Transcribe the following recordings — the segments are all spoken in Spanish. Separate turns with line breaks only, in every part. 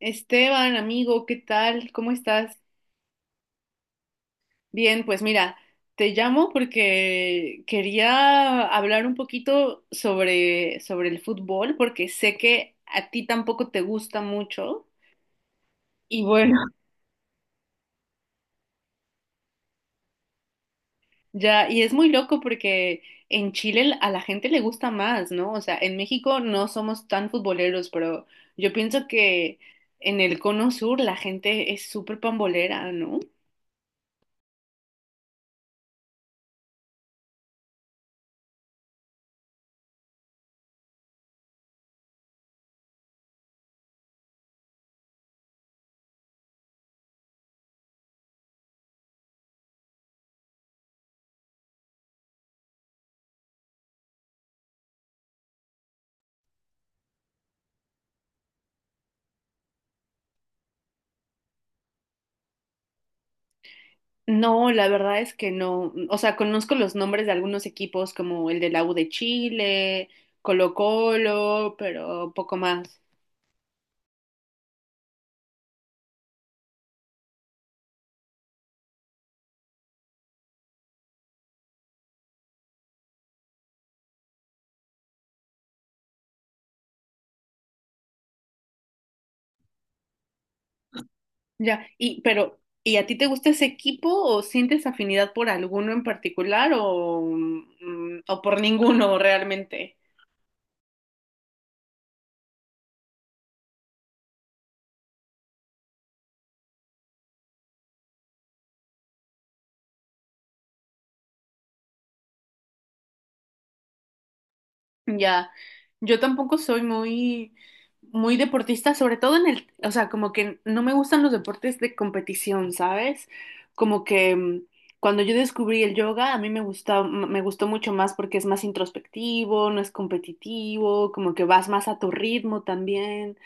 Esteban, amigo, ¿qué tal? ¿Cómo estás? Bien, pues mira, te llamo porque quería hablar un poquito sobre el fútbol, porque sé que a ti tampoco te gusta mucho. Y bueno, ya, y es muy loco porque en Chile a la gente le gusta más, ¿no? O sea, en México no somos tan futboleros, pero yo pienso que en el cono sur la gente es súper pambolera, ¿no? No, la verdad es que no. O sea, conozco los nombres de algunos equipos como el de la U de Chile, Colo-Colo, pero poco más. Ya, y pero ¿y a ti te gusta ese equipo o sientes afinidad por alguno en particular o, o por ninguno realmente? Ya, yo tampoco soy muy deportista, sobre todo en el, o sea, como que no me gustan los deportes de competición, ¿sabes? Como que cuando yo descubrí el yoga, a mí me gusta, me gustó mucho más porque es más introspectivo, no es competitivo, como que vas más a tu ritmo también.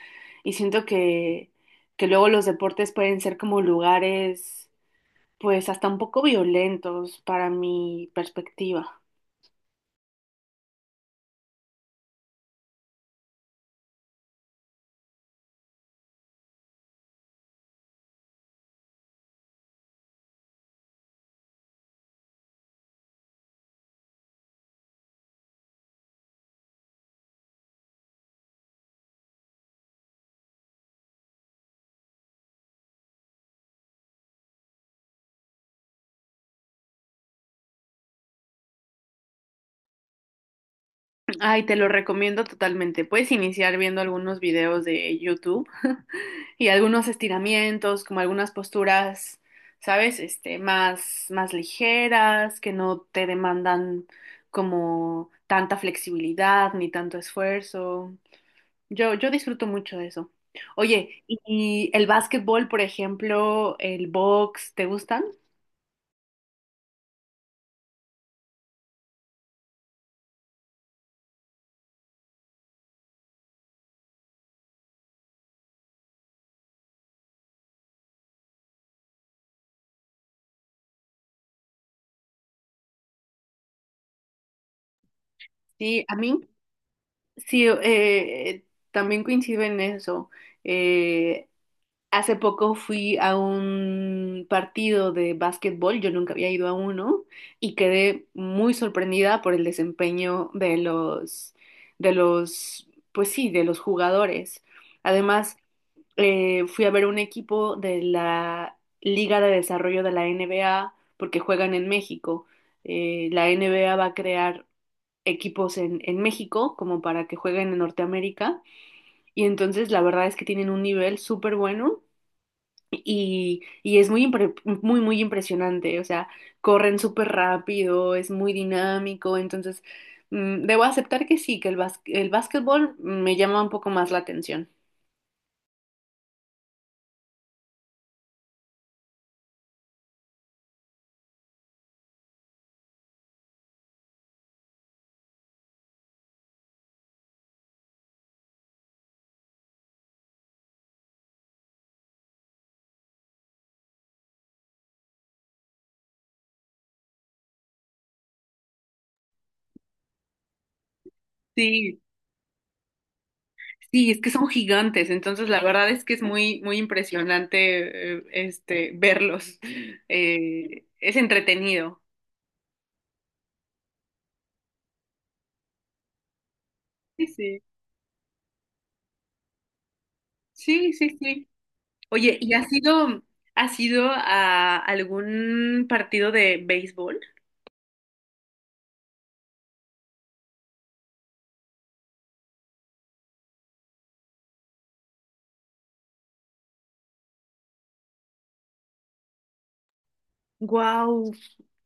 Y siento que luego los deportes pueden ser como lugares, pues hasta un poco violentos para mi perspectiva. Ay, te lo recomiendo totalmente. Puedes iniciar viendo algunos videos de YouTube y algunos estiramientos, como algunas posturas, ¿sabes? Este, más ligeras, que no te demandan como tanta flexibilidad ni tanto esfuerzo. Yo disfruto mucho de eso. Oye, ¿y el básquetbol, por ejemplo, el box, te gustan? Sí, a mí sí, también coincido en eso. Eh, Hace poco fui a un partido de básquetbol, yo nunca había ido a uno y quedé muy sorprendida por el desempeño de los, pues sí, de los jugadores. Además, fui a ver un equipo de la Liga de Desarrollo de la NBA porque juegan en México. La NBA va a crear equipos en México como para que jueguen en Norteamérica y entonces la verdad es que tienen un nivel súper bueno y es muy, muy impresionante, o sea, corren súper rápido, es muy dinámico, entonces debo aceptar que sí, que el básquetbol me llama un poco más la atención. Sí, sí, es que son gigantes, entonces la verdad es que es muy, muy impresionante, este, verlos. Es entretenido. Sí, sí, sí, sí, sí. Oye, ¿has ido a algún partido de béisbol? Wow,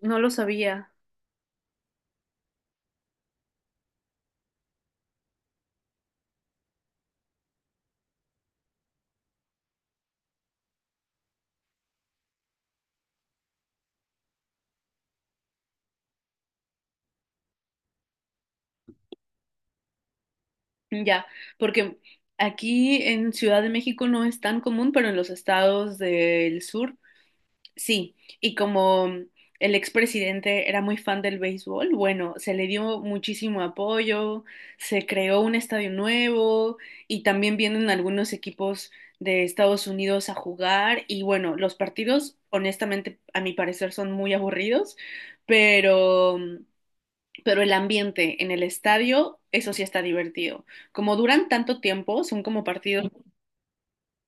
no lo sabía. Ya, porque aquí en Ciudad de México no es tan común, pero en los estados del sur sí. Y como el expresidente era muy fan del béisbol, bueno, se le dio muchísimo apoyo, se creó un estadio nuevo y también vienen algunos equipos de Estados Unidos a jugar. Y bueno, los partidos, honestamente, a mi parecer son muy aburridos, pero pero el ambiente en el estadio, eso sí está divertido. Como duran tanto tiempo, son como partidos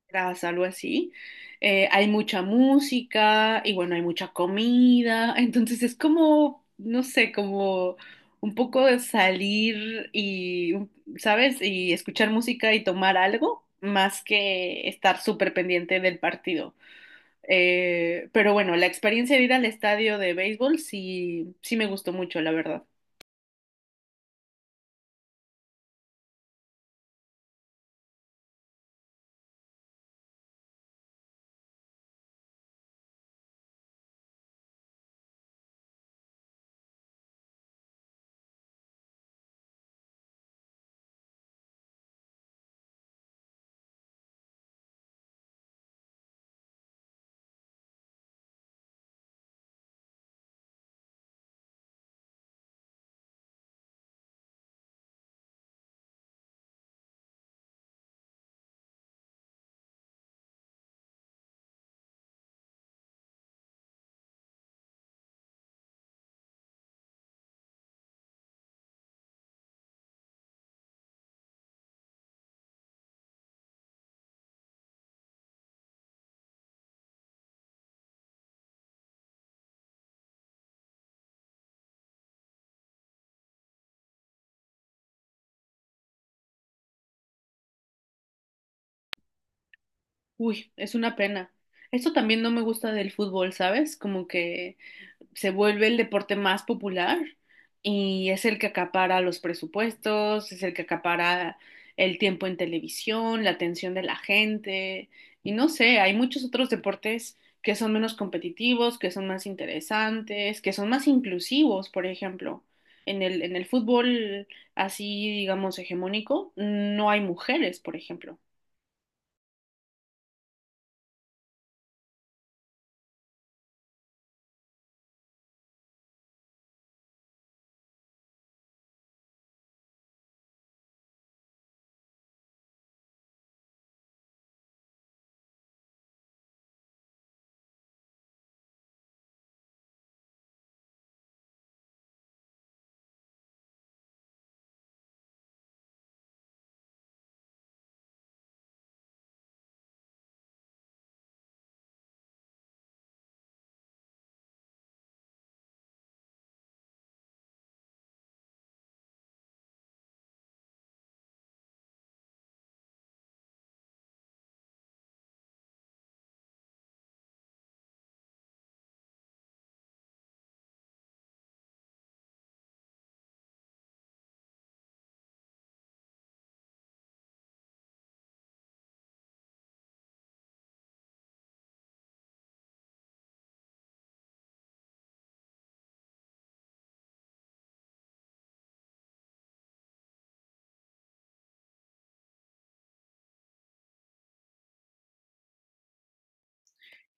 tras algo así, hay mucha música y bueno, hay mucha comida, entonces es como, no sé, como un poco de salir y, ¿sabes? Y escuchar música y tomar algo más que estar súper pendiente del partido. Pero bueno, la experiencia de ir al estadio de béisbol sí, sí me gustó mucho, la verdad. Uy, es una pena. Esto también no me gusta del fútbol, ¿sabes? Como que se vuelve el deporte más popular y es el que acapara los presupuestos, es el que acapara el tiempo en televisión, la atención de la gente y no sé, hay muchos otros deportes que son menos competitivos, que son más interesantes, que son más inclusivos, por ejemplo. En el fútbol así, digamos, hegemónico, no hay mujeres, por ejemplo.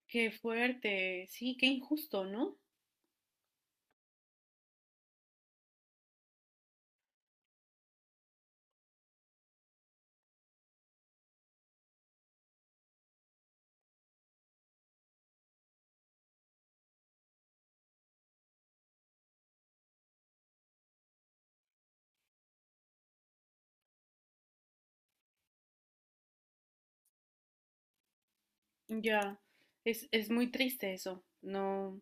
Qué fuerte, sí, qué injusto, ¿no? Ya, es muy triste eso, no,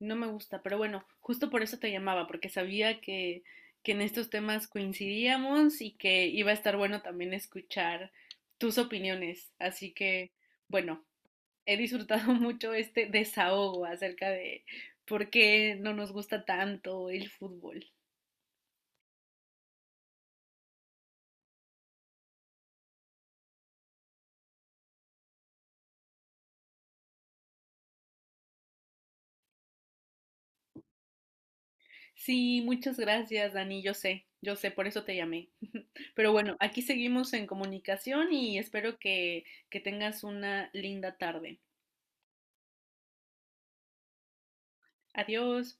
no me gusta, pero bueno, justo por eso te llamaba, porque sabía que en estos temas coincidíamos y que iba a estar bueno también escuchar tus opiniones, así que, bueno, he disfrutado mucho este desahogo acerca de por qué no nos gusta tanto el fútbol. Sí, muchas gracias, Dani, yo sé, por eso te llamé. Pero bueno, aquí seguimos en comunicación y espero que tengas una linda tarde. Adiós.